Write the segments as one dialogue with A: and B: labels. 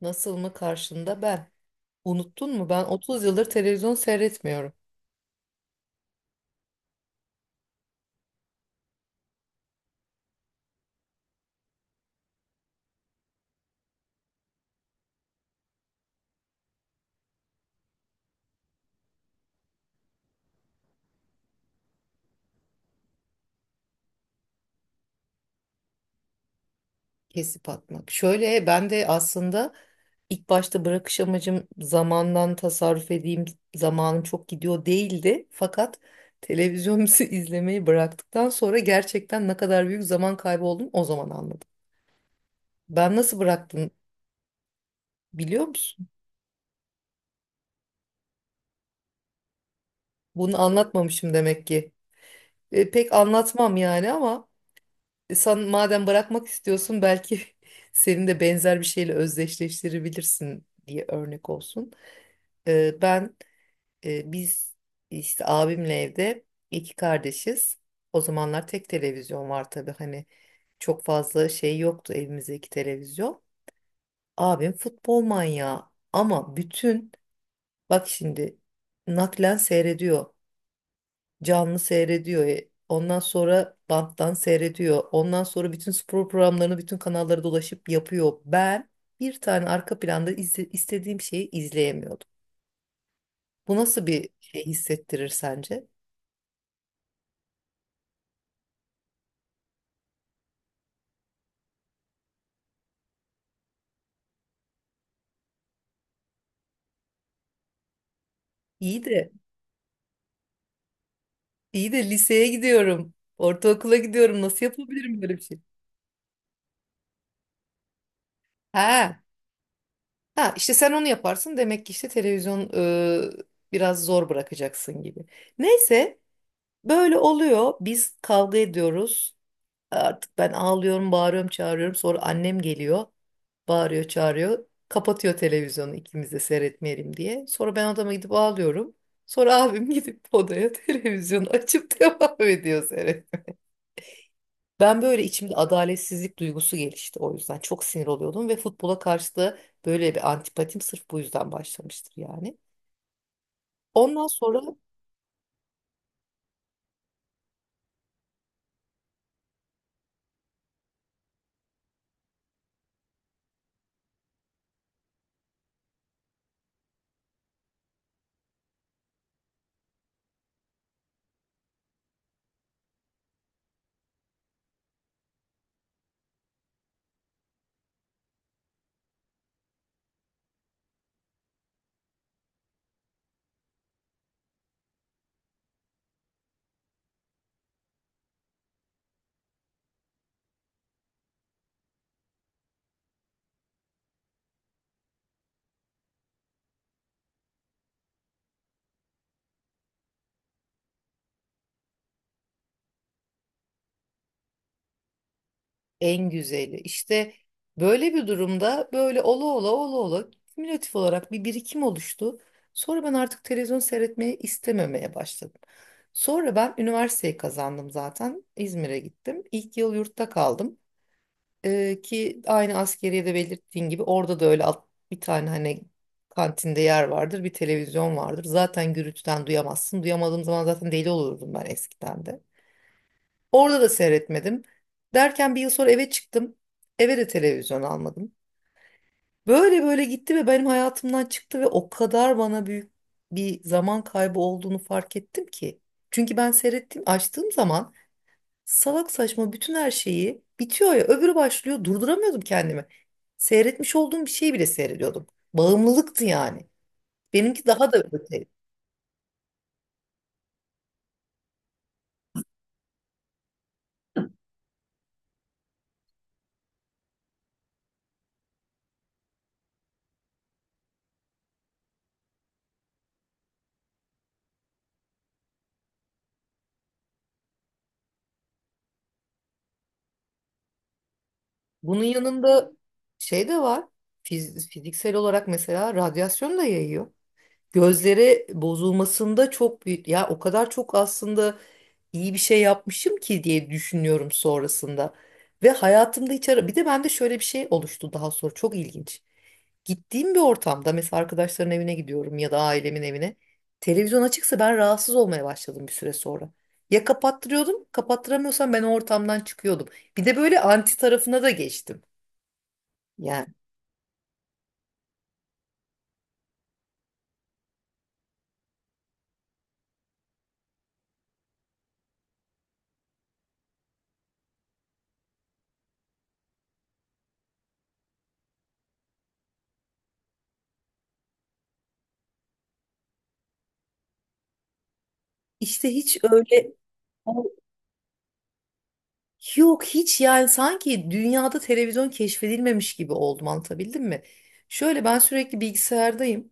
A: Nasıl mı karşında ben? Unuttun mu? Ben 30 yıldır televizyon seyretmiyorum. Kesip atmak. Şöyle ben de aslında ilk başta bırakış amacım zamandan tasarruf edeyim, zamanım çok gidiyor değildi. Fakat televizyon izlemeyi bıraktıktan sonra gerçekten ne kadar büyük zaman kaybı olduğunu o zaman anladım. Ben nasıl bıraktım biliyor musun? Bunu anlatmamışım demek ki. Pek anlatmam yani ama sen madem bırakmak istiyorsun, belki senin de benzer bir şeyle özdeşleştirebilirsin diye örnek olsun. Ben biz işte abimle evde iki kardeşiz. O zamanlar tek televizyon var tabii, hani çok fazla şey yoktu evimizde, iki televizyon. Abim futbol manyağı, ama bütün, bak şimdi, naklen seyrediyor, canlı seyrediyor. Ondan sonra banttan seyrediyor. Ondan sonra bütün spor programlarını bütün kanallara dolaşıp yapıyor. Ben bir tane arka planda istediğim şeyi izleyemiyordum. Bu nasıl bir şey hissettirir sence? İyi de iyi de liseye gidiyorum, ortaokula gidiyorum. Nasıl yapabilirim böyle bir şey? Ha, ha işte sen onu yaparsın demek ki, işte televizyon biraz zor bırakacaksın gibi. Neyse, böyle oluyor. Biz kavga ediyoruz. Artık ben ağlıyorum, bağırıyorum, çağırıyorum. Sonra annem geliyor, bağırıyor, çağırıyor. Kapatıyor televizyonu ikimiz de seyretmeyelim diye. Sonra ben odama gidip ağlıyorum. Sonra abim gidip odaya televizyonu açıp devam ediyor seyretmeye. Ben böyle içimde adaletsizlik duygusu gelişti o yüzden. Çok sinir oluyordum ve futbola karşı da böyle bir antipatim sırf bu yüzden başlamıştır yani. Ondan sonra en güzeli. İşte böyle bir durumda böyle ola ola ola ola kümülatif olarak bir birikim oluştu. Sonra ben artık televizyon seyretmeyi istememeye başladım. Sonra ben üniversiteyi kazandım zaten. İzmir'e gittim. İlk yıl yurtta kaldım. Ki aynı askeriyede belirttiğin gibi orada da öyle bir tane hani kantinde yer vardır, bir televizyon vardır. Zaten gürültüden duyamazsın. Duyamadığım zaman zaten deli olurdum ben eskiden de. Orada da seyretmedim. Derken bir yıl sonra eve çıktım. Eve de televizyon almadım. Böyle böyle gitti ve benim hayatımdan çıktı ve o kadar bana büyük bir zaman kaybı olduğunu fark ettim ki. Çünkü ben seyrettiğim, açtığım zaman salak saçma bütün, her şeyi bitiyor ya öbürü başlıyor, durduramıyordum kendimi. Seyretmiş olduğum bir şeyi bile seyrediyordum. Bağımlılıktı yani. Benimki daha da öteydi. Bunun yanında şey de var. Fiziksel olarak mesela radyasyon da yayıyor. Gözleri bozulmasında çok büyük, ya o kadar çok aslında iyi bir şey yapmışım ki diye düşünüyorum sonrasında. Ve hayatımda hiç ara, bir de bende şöyle bir şey oluştu daha sonra, çok ilginç. Gittiğim bir ortamda mesela arkadaşların evine gidiyorum ya da ailemin evine, televizyon açıksa ben rahatsız olmaya başladım bir süre sonra. Ya kapattırıyordum, kapattıramıyorsam ben o ortamdan çıkıyordum. Bir de böyle anti tarafına da geçtim. Yani işte hiç öyle yok hiç, yani sanki dünyada televizyon keşfedilmemiş gibi oldum, anlatabildim mi? Şöyle, ben sürekli bilgisayardayım,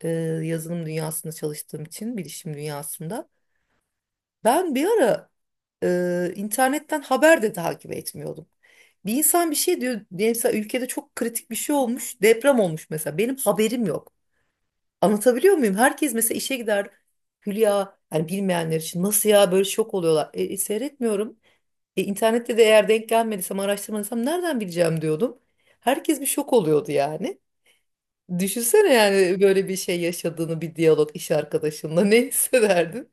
A: e, yazılım dünyasında çalıştığım için, bilişim dünyasında. Ben bir ara internetten haber de takip etmiyordum. Bir insan bir şey diyor diyelim, mesela ülkede çok kritik bir şey olmuş, deprem olmuş mesela, benim haberim yok. Anlatabiliyor muyum? Herkes mesela işe gider Hülya, yani bilmeyenler için nasıl, ya böyle şok oluyorlar. Seyretmiyorum. İnternette de eğer denk gelmediysem, araştırmadıysam nereden bileceğim diyordum. Herkes bir şok oluyordu yani. Düşünsene yani böyle bir şey yaşadığını, bir diyalog iş arkadaşınla ne hissederdin?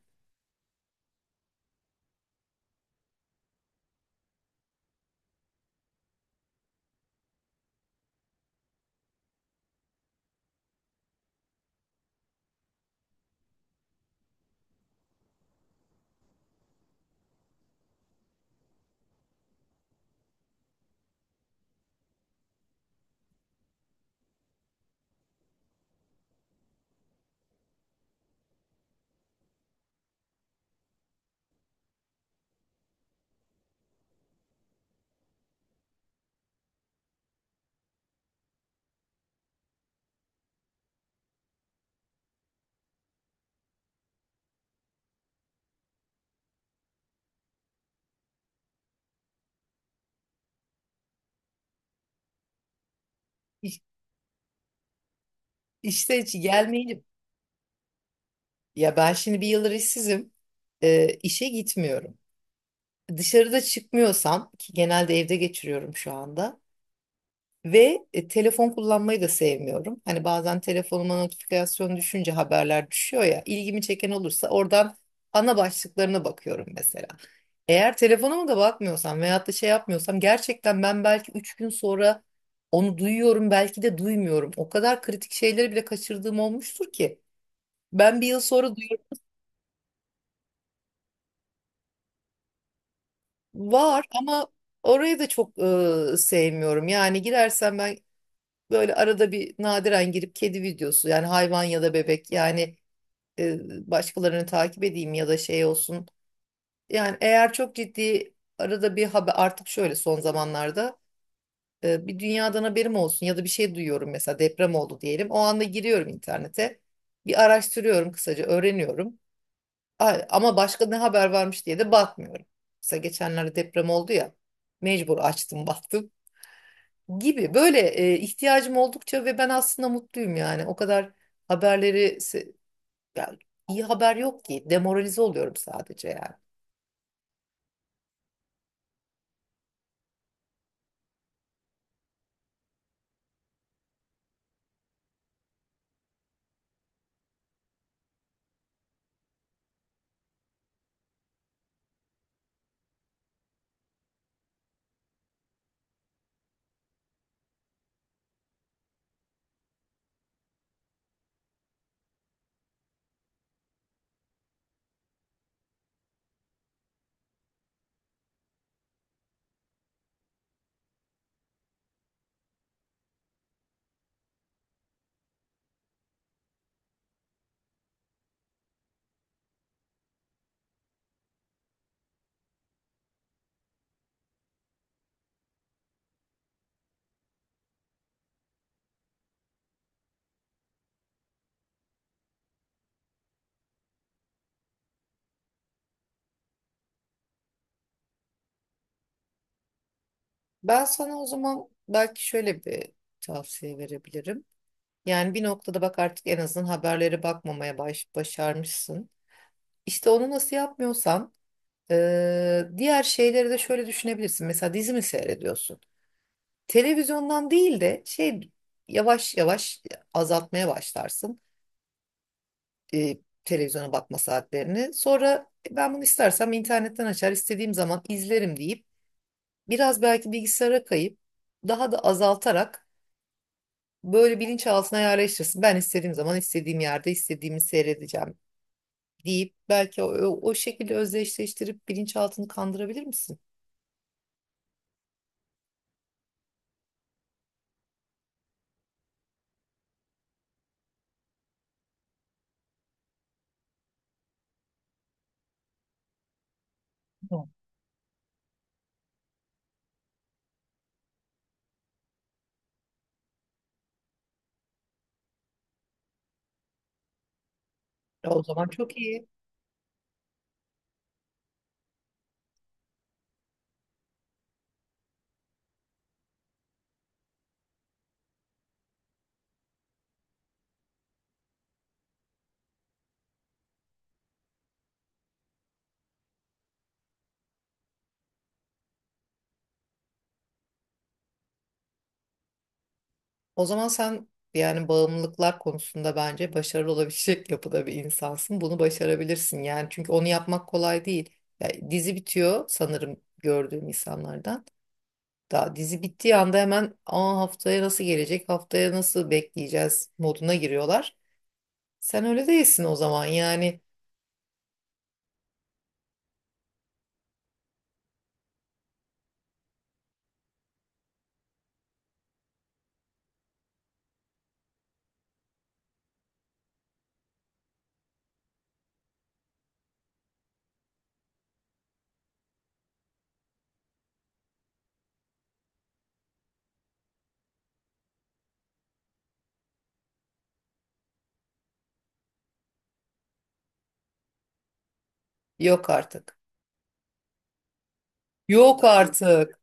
A: İş- İşte hiç gelmeyince, ya ben şimdi bir yıldır işsizim. İşe gitmiyorum. Dışarıda çıkmıyorsam, ki genelde evde geçiriyorum şu anda. Ve telefon kullanmayı da sevmiyorum. Hani bazen telefonuma notifikasyon düşünce haberler düşüyor ya, ilgimi çeken olursa oradan ana başlıklarına bakıyorum mesela. Eğer telefonuma da bakmıyorsam veyahut da şey yapmıyorsam, gerçekten ben belki 3 gün sonra onu duyuyorum, belki de duymuyorum. O kadar kritik şeyleri bile kaçırdığım olmuştur ki, ben bir yıl sonra duyuyorum. Var ama orayı da çok sevmiyorum. Yani girersem ben böyle arada bir nadiren girip kedi videosu, yani hayvan ya da bebek, yani e, başkalarını takip edeyim ya da şey olsun. Yani eğer çok ciddi arada bir haber, artık şöyle son zamanlarda bir dünyadan haberim olsun ya da bir şey duyuyorum mesela, deprem oldu diyelim, o anda giriyorum internete. Bir araştırıyorum, kısaca öğreniyorum. Ama başka ne haber varmış diye de bakmıyorum. Mesela geçenlerde deprem oldu ya, mecbur açtım baktım, gibi böyle ihtiyacım oldukça. Ve ben aslında mutluyum, yani o kadar haberleri se- ya, iyi haber yok ki. Demoralize oluyorum sadece yani. Ben sana o zaman belki şöyle bir tavsiye verebilirim. Yani bir noktada bak, artık en azından haberlere bakmamaya başarmışsın. İşte onu nasıl yapmıyorsan, diğer şeyleri de şöyle düşünebilirsin. Mesela dizi mi seyrediyorsun? Televizyondan değil de şey, yavaş yavaş azaltmaya başlarsın e, televizyona bakma saatlerini. Sonra, "E, ben bunu istersem internetten açar, istediğim zaman izlerim" deyip biraz belki bilgisayara kayıp, daha da azaltarak böyle bilinçaltına yerleştirsin. "Ben istediğim zaman istediğim yerde istediğimi seyredeceğim" deyip belki o şekilde özdeşleştirip bilinçaltını kandırabilir misin? Yok. Ya o zaman çok iyi. O zaman sen yani bağımlılıklar konusunda bence başarılı olabilecek yapıda bir insansın. Bunu başarabilirsin yani, çünkü onu yapmak kolay değil. Ya dizi bitiyor sanırım, gördüğüm insanlardan. Daha dizi bittiği anda hemen, "Aa, haftaya nasıl gelecek, haftaya nasıl bekleyeceğiz" moduna giriyorlar. Sen öyle değilsin o zaman yani. Yok artık. Yok artık.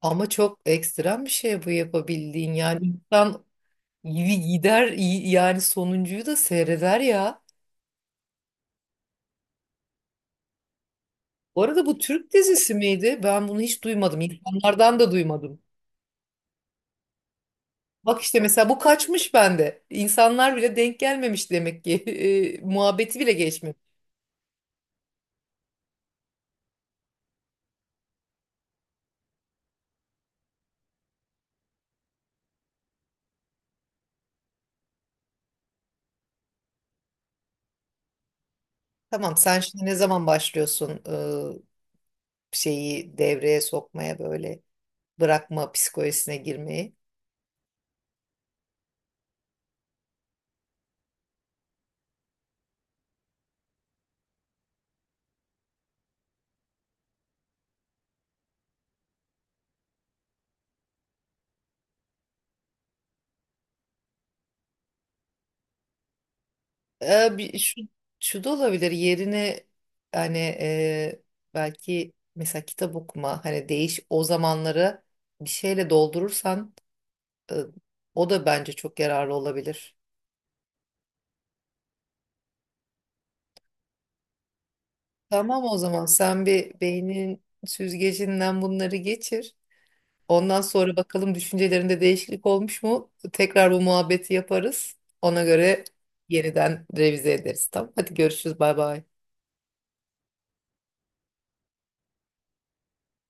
A: Ama çok ekstrem bir şey bu yapabildiğin, yani insan gider yani sonuncuyu da seyreder ya. Bu arada bu Türk dizisi miydi? Ben bunu hiç duymadım. İnsanlardan da duymadım. Bak işte mesela bu kaçmış bende. İnsanlar bile denk gelmemiş demek ki. Muhabbeti bile geçmemiş. Tamam, sen şimdi ne zaman başlıyorsun şeyi devreye sokmaya, böyle bırakma psikolojisine girmeyi? E, bir, şu, şu da olabilir yerine, hani belki mesela kitap okuma, hani değiş o zamanları bir şeyle doldurursan e, o da bence çok yararlı olabilir. Tamam, o zaman sen bir beynin süzgecinden bunları geçir. Ondan sonra bakalım düşüncelerinde değişiklik olmuş mu? Tekrar bu muhabbeti yaparız. Ona göre yeniden revize ederiz. Tamam. Hadi görüşürüz. Bay bay.